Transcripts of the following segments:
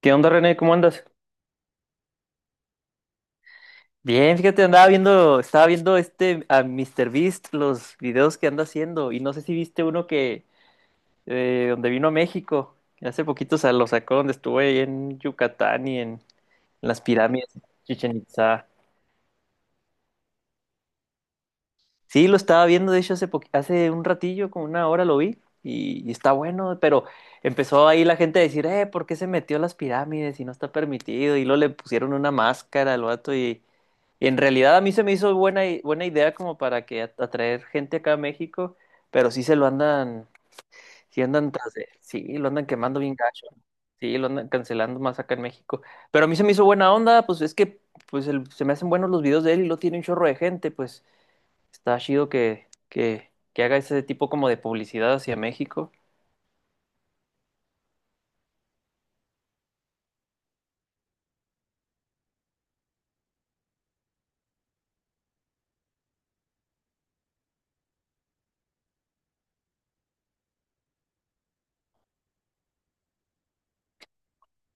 ¿Qué onda, René? ¿Cómo andas? Bien, fíjate, estaba viendo a Mr. Beast, los videos que anda haciendo, y no sé si viste uno que donde vino a México, que hace poquito se lo sacó donde estuve ahí en Yucatán y en las pirámides, Chichen Itzá. Sí, lo estaba viendo, de hecho, hace un ratillo, como una hora lo vi, y está bueno, pero empezó ahí la gente a decir, ¿por qué se metió a las pirámides y no está permitido? Y luego le pusieron una máscara al vato, y en realidad a mí se me hizo buena idea como para atraer gente acá a México, pero sí se lo andan, sí andan tras de, sí, lo andan quemando bien gacho, ¿no? Sí, lo andan cancelando más acá en México, pero a mí se me hizo buena onda, pues es que, se me hacen buenos los videos de él y lo tiene un chorro de gente, pues. Está chido que haga ese tipo como de publicidad hacia México.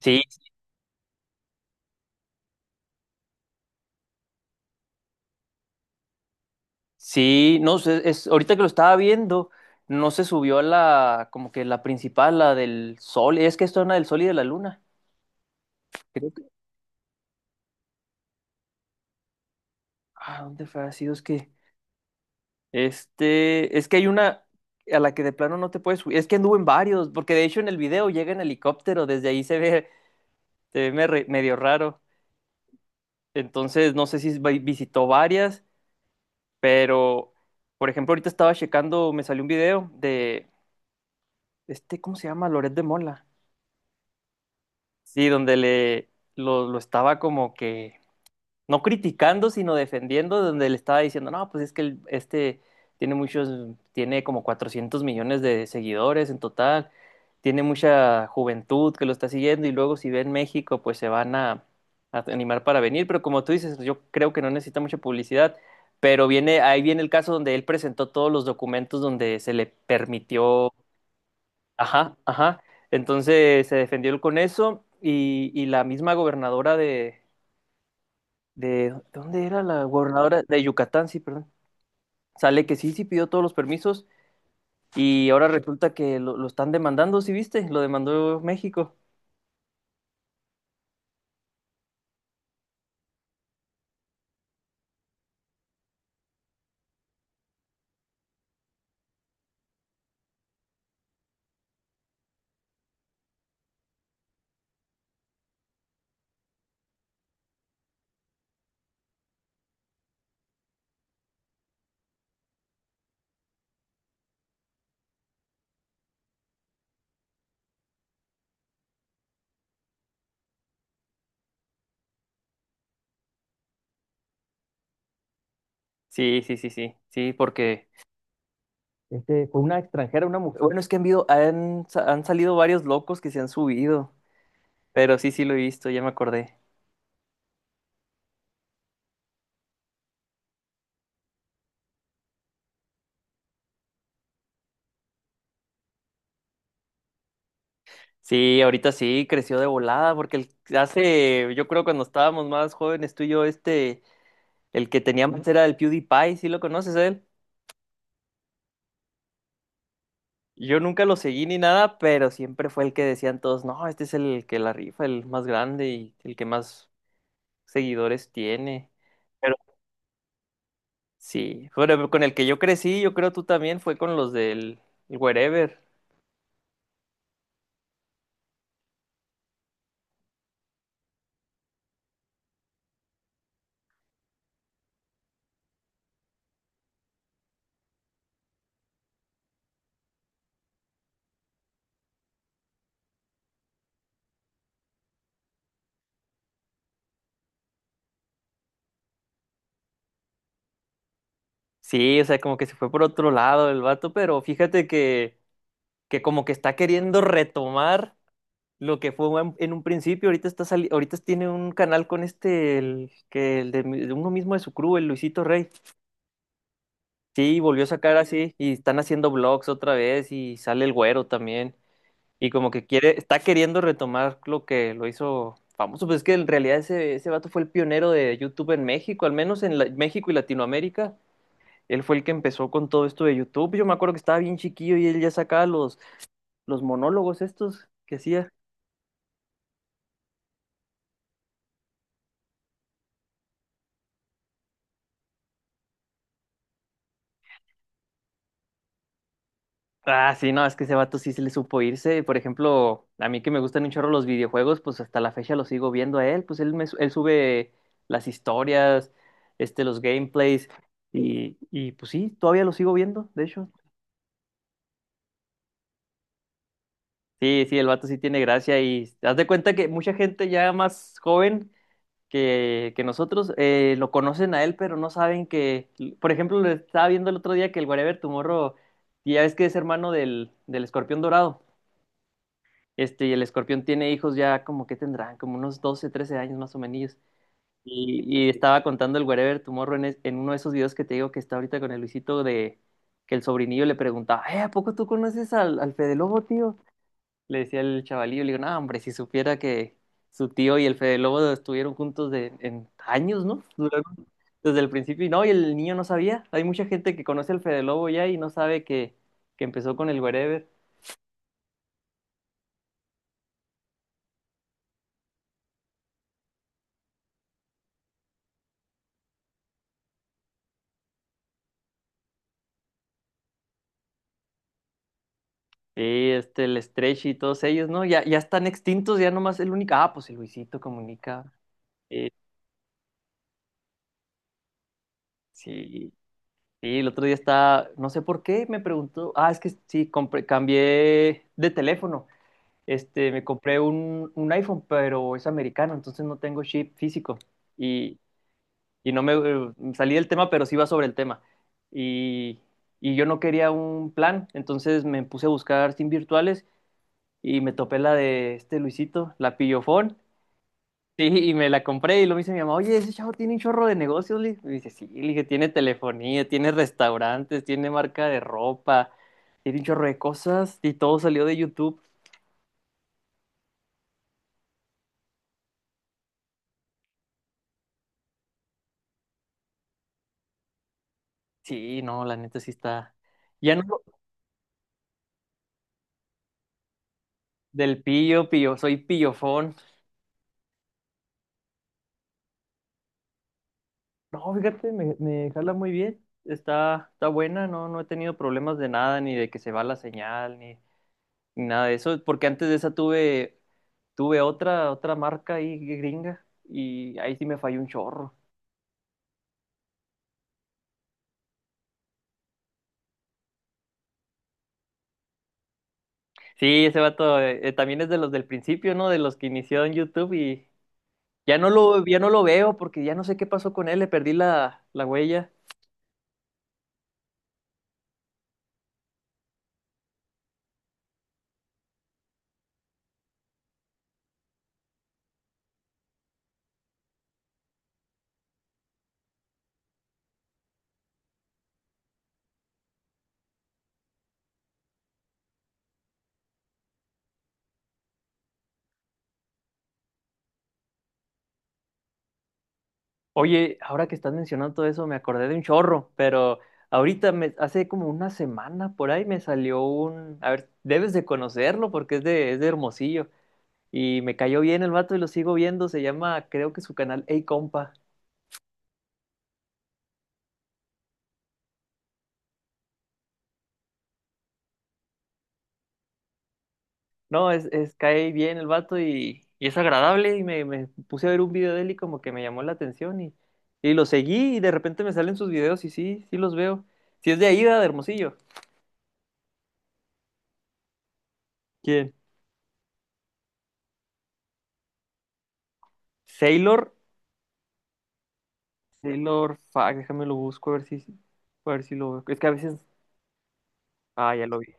Sí, sí, no sé, es, ahorita que lo estaba viendo, no se subió a la, como que la principal, la del sol, es que esto es una del sol y de la luna. Creo que, ah, ¿dónde fue? Ha sido, es que, es que hay una a la que de plano no te puedes subir, es que anduvo en varios, porque de hecho en el video llega en helicóptero, desde ahí se ve medio raro. Entonces, no sé si visitó varias. Pero, por ejemplo, ahorita estaba checando, me salió un video de ¿cómo se llama? Loret de Mola. Sí, donde lo estaba como que no criticando, sino defendiendo, donde le estaba diciendo, no, pues es que tiene muchos, tiene como 400 millones de seguidores en total, tiene mucha juventud que lo está siguiendo y luego si ven México, pues se van a animar para venir, pero como tú dices, yo creo que no necesita mucha publicidad, pero viene, ahí viene el caso donde él presentó todos los documentos donde se le permitió, ajá, ajá, entonces se defendió él con eso, y la misma gobernadora de ¿dónde era la gobernadora? De Yucatán, sí, perdón. Sale que sí, sí pidió todos los permisos y ahora resulta que lo están demandando, ¿sí viste? Lo demandó México. Sí, sí, sí, sí, sí, porque, fue una extranjera, una mujer. Bueno, es que han, habido- han, sa- han salido varios locos que se han subido, pero sí, sí lo he visto, ya me acordé. Sí, ahorita sí, creció de volada, porque hace, yo creo cuando estábamos más jóvenes tú y yo, el que teníamos era el PewDiePie, ¿sí lo conoces a él? Yo nunca lo seguí ni nada, pero siempre fue el que decían todos, no, este es el que la rifa, el más grande y el que más seguidores tiene. Pero sí, bueno, con el que yo crecí, yo creo tú también, fue con los del Wherever. Sí, o sea, como que se fue por otro lado el vato, pero fíjate que como que está queriendo retomar lo que fue en un principio. Ahorita ahorita tiene un canal con el, que el de, de uno mismo de su crew, el Luisito Rey. Sí, volvió a sacar así y están haciendo vlogs otra vez y sale el güero también y como que quiere, está queriendo retomar lo que lo hizo famoso, pues es que en realidad ese, ese vato fue el pionero de YouTube en México, al menos en México y Latinoamérica, él fue el que empezó con todo esto de YouTube, yo me acuerdo que estaba bien chiquillo y él ya sacaba los monólogos estos que hacía. Ah, sí, no, es que ese vato sí se le supo irse. Por ejemplo, a mí que me gustan un chorro los videojuegos, pues hasta la fecha lo sigo viendo a él. Pues él, me, él sube las historias, los gameplays, y pues sí, todavía lo sigo viendo, de hecho. Sí, sí, el vato sí tiene gracia y haz de cuenta que mucha gente ya más joven que nosotros lo conocen a él, pero no saben que, por ejemplo, lo estaba viendo el otro día que el Wherever Tomorrow, y ya ves que es hermano del Escorpión Dorado. Este, y el escorpión tiene hijos ya como que tendrán, como unos 12, 13 años más o menos. Y estaba contando el Wherever Tomorrow en, en uno de esos videos que te digo que está ahorita con el Luisito de que el sobrinillo le preguntaba, ¿a poco tú conoces al, al Fede Lobo, tío? Le decía el chavalillo, le digo, no, hombre, si supiera que su tío y el Fede Lobo estuvieron juntos en años, ¿no? Duraron desde el principio y no, y el niño no sabía. Hay mucha gente que conoce al Fede Lobo ya y no sabe que empezó con el Wherever. Sí, este, el Stretch y todos ellos, ¿no? Ya, ya están extintos, ya nomás el único. Ah, pues el Luisito Comunica. Eh, sí, sí, el otro día está, no sé por qué, me preguntó. Ah, es que sí, compré, cambié de teléfono. Este, me compré un iPhone, pero es americano, entonces no tengo chip físico. Y, y no me salí del tema, pero sí va sobre el tema. Y, y yo no quería un plan, entonces me puse a buscar SIM virtuales y me topé la de este Luisito, la Pillofón. Sí, y me la compré y lo me dice mi mamá, oye, ese chavo tiene un chorro de negocios. Le dije, y dice, sí, le dije, tiene telefonía, tiene restaurantes, tiene marca de ropa, tiene un chorro de cosas y todo salió de YouTube. Sí, no, la neta sí está. Ya no, del pillo, pillo, soy pillofón. No, fíjate, me jala muy bien. Está buena, no, no he tenido problemas de nada, ni de que se va la señal, ni nada de eso, porque antes de esa tuve otra marca ahí gringa y ahí sí me falló un chorro. Sí, ese vato también es de los del principio, ¿no? De los que inició en YouTube y ya no lo veo porque ya no sé qué pasó con él, le perdí la huella. Oye, ahora que estás mencionando todo eso, me acordé de un chorro, pero ahorita hace como una semana por ahí me salió un, a ver, debes de conocerlo porque es de Hermosillo y me cayó bien el vato y lo sigo viendo, se llama, creo que su canal Hey Compa. No, es cae bien el vato y es agradable y me puse a ver un video de él y como que me llamó la atención y, lo seguí y de repente me salen sus videos y sí, sí los veo. Si es de ahí, ¿verdad? De Hermosillo. ¿Quién? Sailor, Sailor, fuck, déjame lo busco a ver si lo veo. Es que a veces, ah, ya lo vi.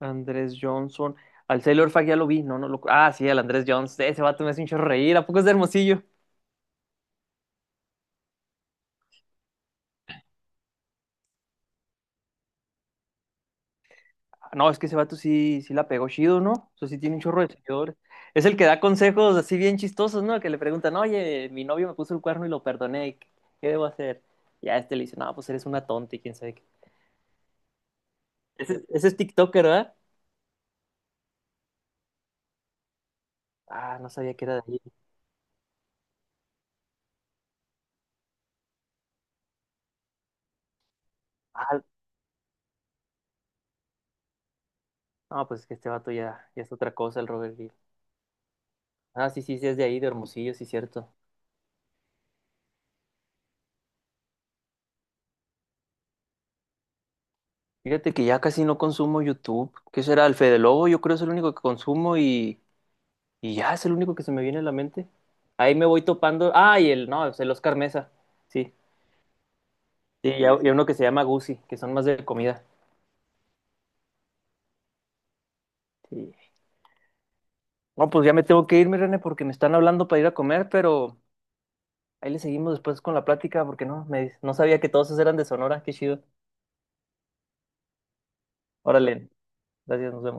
Andrés Johnson, al Sailor Fag ya lo vi, no, no lo, ah, sí, al Andrés Johnson, ese vato me hace un chorro reír, ¿a poco es de Hermosillo? No, es que ese vato sí, sí la pegó chido, ¿no? O sea, sí tiene un chorro de seguidores. Es el que da consejos así bien chistosos, ¿no? Que le preguntan, oye, mi novio me puso el cuerno y lo perdoné, ¿qué debo hacer? Y a este le dice, no, pues eres una tonta y quién sabe qué. Ese es TikToker, ¿verdad? Ah, no sabía que era de ahí. Ah, no, pues es que este vato ya es otra cosa, el Robert Gil. Ah, sí, sí, sí, es de ahí, de Hermosillo, sí, cierto. Fíjate que ya casi no consumo YouTube. ¿Qué será? El Fede Lobo, yo creo es el único que consumo. Y ya es el único que se me viene a la mente. Ahí me voy topando. Ah, y el, no, es el Oscar Mesa. Sí. Sí, y, y a uno que se llama Gusi, que son más de comida. Sí. No, pues ya me tengo que irme, René, porque me están hablando para ir a comer, pero ahí le seguimos después con la plática, porque no, no sabía que todos esos eran de Sonora. Qué chido. Órale, gracias, nos vemos.